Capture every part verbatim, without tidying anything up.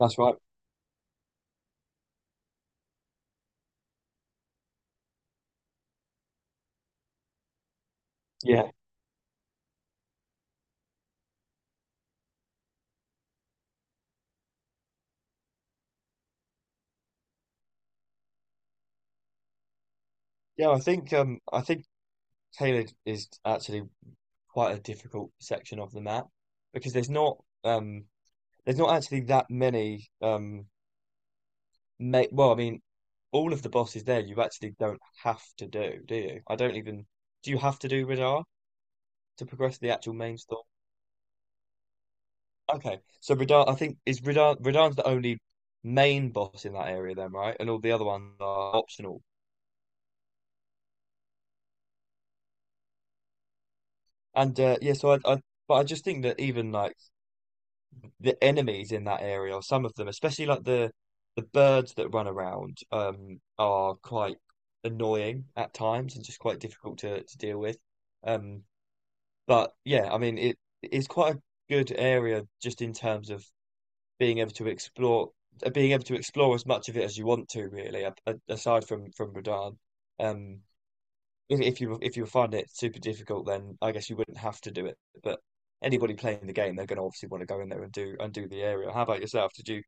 That's right. Yeah. Yeah, I think um I think tailored is actually quite a difficult section of the map because there's not um there's not actually that many um ma well, I mean, all of the bosses there you actually don't have to do, do you? I don't even do you have to do Radar to progress the actual main story? Okay. So Radar I think is Radar Radar's the only main boss in that area then, right? And all the other ones are optional. And uh yeah, so I, I but I just think that even like the enemies in that area, or some of them, especially like the the birds that run around, um, are quite annoying at times and just quite difficult to, to deal with. Um, but yeah, I mean, it is quite a good area just in terms of being able to explore, uh, being able to explore as much of it as you want to, really, a- a- aside from from Radahn. Um, if if you if you find it super difficult, then I guess you wouldn't have to do it. But anybody playing the game, they're going to obviously want to go in there and do and do the area. How about yourself? Did you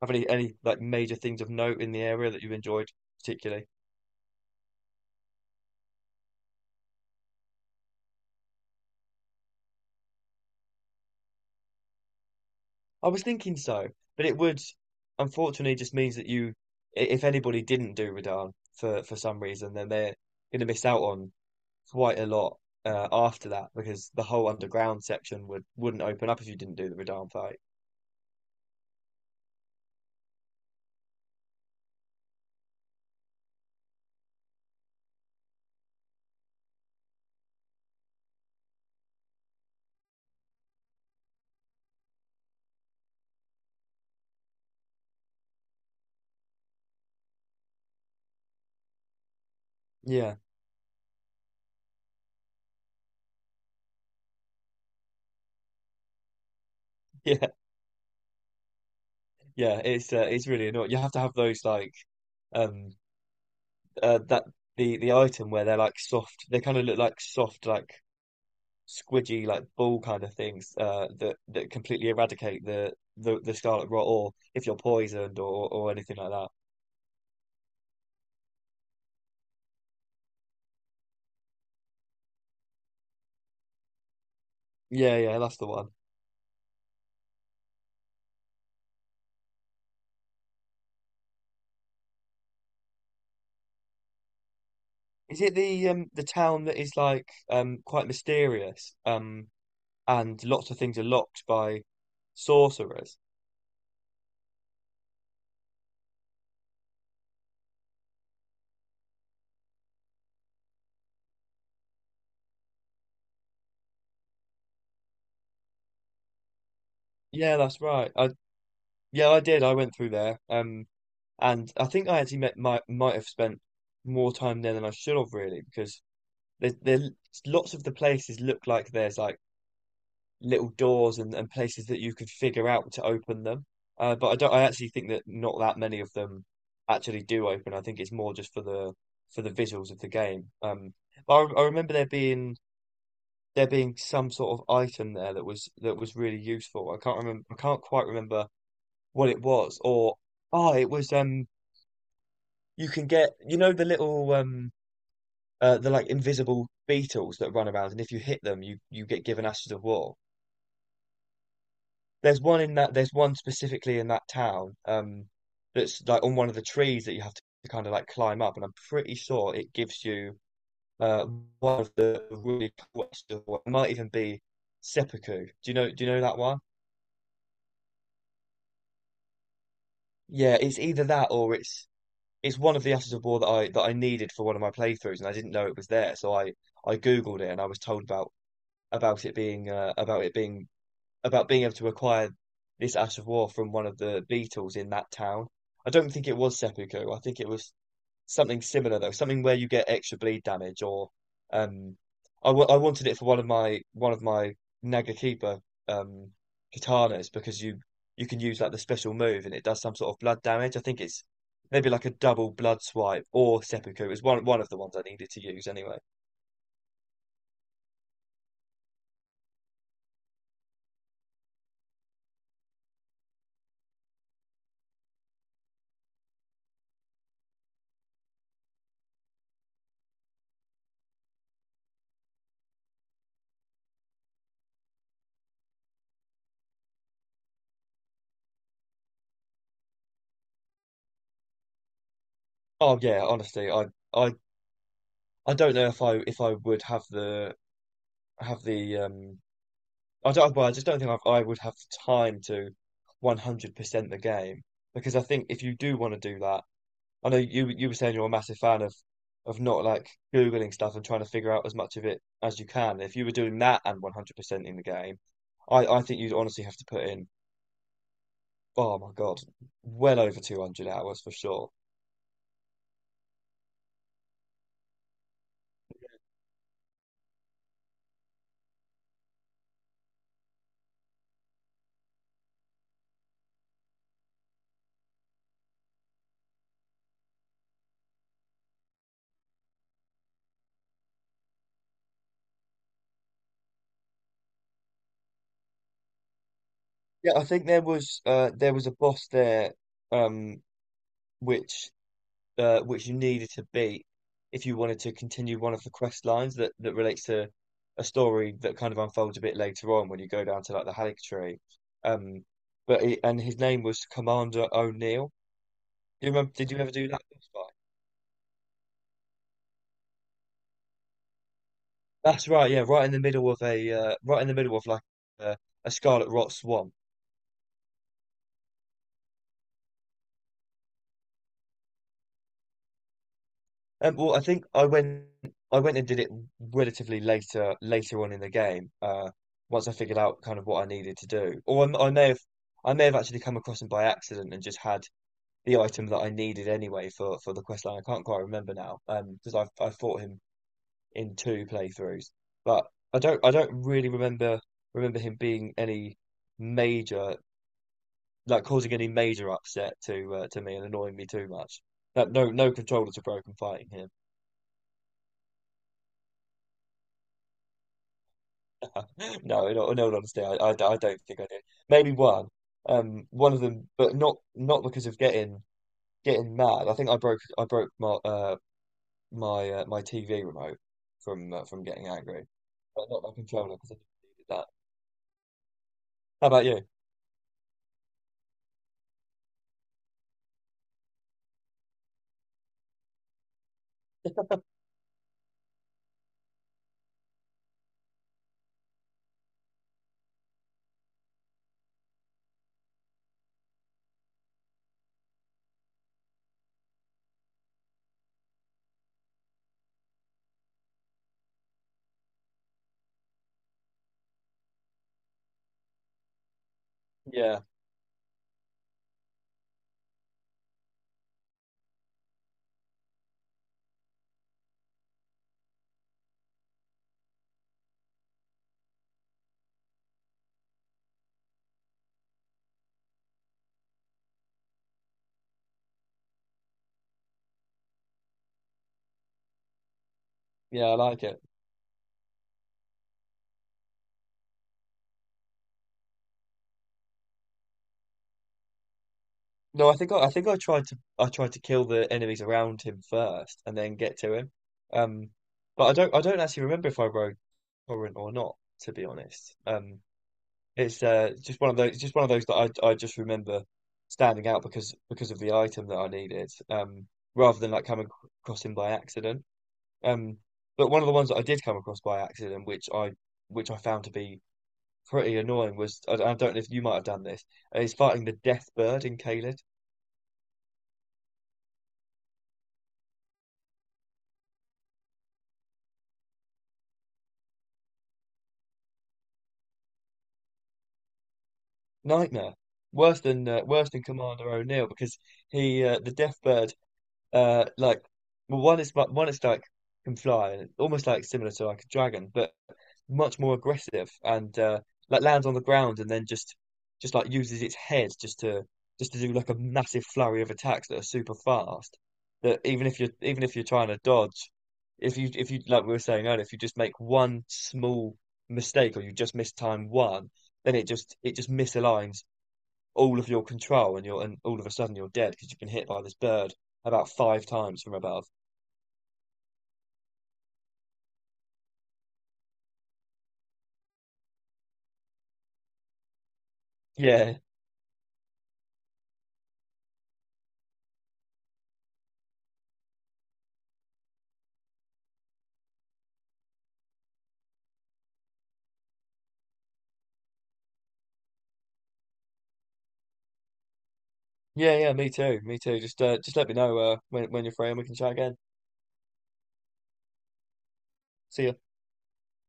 have any any like major things of note in the area that you enjoyed particularly? I was thinking so, but it would unfortunately just means that you, if anybody didn't do Radahn for for some reason, then they're going to miss out on quite a lot uh, after that because the whole underground section would wouldn't open up if you didn't do the Radahn fight. Yeah, yeah. Yeah, it's uh, it's really annoying. You have to have those like um uh that the the item where they're like soft. They kind of look like soft, like squidgy, like ball kind of things uh that that completely eradicate the the the scarlet rot, or if you're poisoned or or anything like that. Yeah, yeah, that's the one. Is it the um the town that is like um quite mysterious um and lots of things are locked by sorcerers? Yeah, that's right. I yeah, I did. I went through there. Um. And I think I actually met, might might have spent more time there than I should have really because there there lots of the places look like there's like little doors and, and places that you could figure out to open them. Uh, but I don't I actually think that not that many of them actually do open. I think it's more just for the for the visuals of the game. Um, but I, I remember there being there being some sort of item there that was that was really useful. I can't remember I can't quite remember what it was. Or oh, it was um, you can get, you know, the little um, uh, the like invisible beetles that run around, and if you hit them, you you get given ashes of war. There's one in that. There's one specifically in that town. Um, that's like on one of the trees that you have to kind of like climb up, and I'm pretty sure it gives you uh one of the really cool ashes of war. It might even be seppuku. Do you know? Do you know that one? Yeah, it's either that or it's it's one of the ashes of war that I that I needed for one of my playthroughs, and I didn't know it was there, so I. I Googled it and I was told about about it being uh, about it being about being able to acquire this Ash of War from one of the Beatles in that town. I don't think it was seppuku. I think it was something similar though, something where you get extra bleed damage. Or um, I w I wanted it for one of my one of my Nagakiba um katanas because you you can use like the special move and it does some sort of blood damage. I think it's maybe like a double blood swipe or seppuku. It was one one of the ones I needed to use anyway. Oh yeah, honestly, I I I don't know if I if I would have the have the um I don't, well, I just don't think I, I would have the time to one hundred percent the game. Because I think if you do want to do that, I know you you were saying you're a massive fan of of not like googling stuff and trying to figure out as much of it as you can. If you were doing that and one hundred percent in the game, I I think you'd honestly have to put in, oh my God, well over two hundred hours for sure. Yeah, I think there was uh there was a boss there um which uh, which you needed to beat if you wanted to continue one of the quest lines that, that relates to a story that kind of unfolds a bit later on when you go down to like the Halleck tree. Um, but he, and his name was Commander O'Neill. Do you remember? Did you ever do that boss fight? That's right. Yeah, right in the middle of a uh, right in the middle of like uh, a scarlet rot swamp. Um, well, I think I went I went and did it relatively later later on in the game. Uh, once I figured out kind of what I needed to do. Or I, I may have, I may have actually come across them by accident and just had the item that I needed anyway for for the quest line. I can't quite remember now, um, because I've I fought him in two playthroughs, but I don't I don't really remember remember him being any major, like causing any major upset to uh, to me and annoying me too much. That no, no controllers were broken fighting him. No, in all, in all honesty, I, I, I don't think I did. Maybe one, um, one of them, but not, not because of getting getting mad. I think I broke I broke my uh my uh, my T V remote from uh, from getting angry, but not my controller because I didn't need that. How about you? Yeah, yeah, I like it. No, I think I, I think I tried to, I tried to kill the enemies around him first and then get to him. Um, but I don't I don't actually remember if I broke torrent or not, to be honest. Um, It's uh, just one of those, just one of those that I I just remember standing out because because of the item that I needed, um, rather than like coming ac- across him by accident. Um, but one of the ones that I did come across by accident, which I which I found to be pretty annoying, was, I, I don't know if you might have done this. Uh, is fighting the Death Bird in Caelid. Nightmare. Worse than uh, worse than Commander O'Neill because he uh, the Death Bird uh like well one is one it's like, can fly and it's almost like similar to like a dragon, but much more aggressive and, uh, like lands on the ground and then just just like uses its head just to, just to do like a massive flurry of attacks that are super fast. That even if you're, even if you're trying to dodge, if you, if you, like we were saying earlier, if you just make one small mistake or you just miss time one, then it just, it just misaligns all of your control, and you're, and all of a sudden you're dead because you've been hit by this bird about five times from above. Yeah, yeah, yeah. Me too, me too. Just uh, just let me know uh, when when you're free and we can chat again. See ya.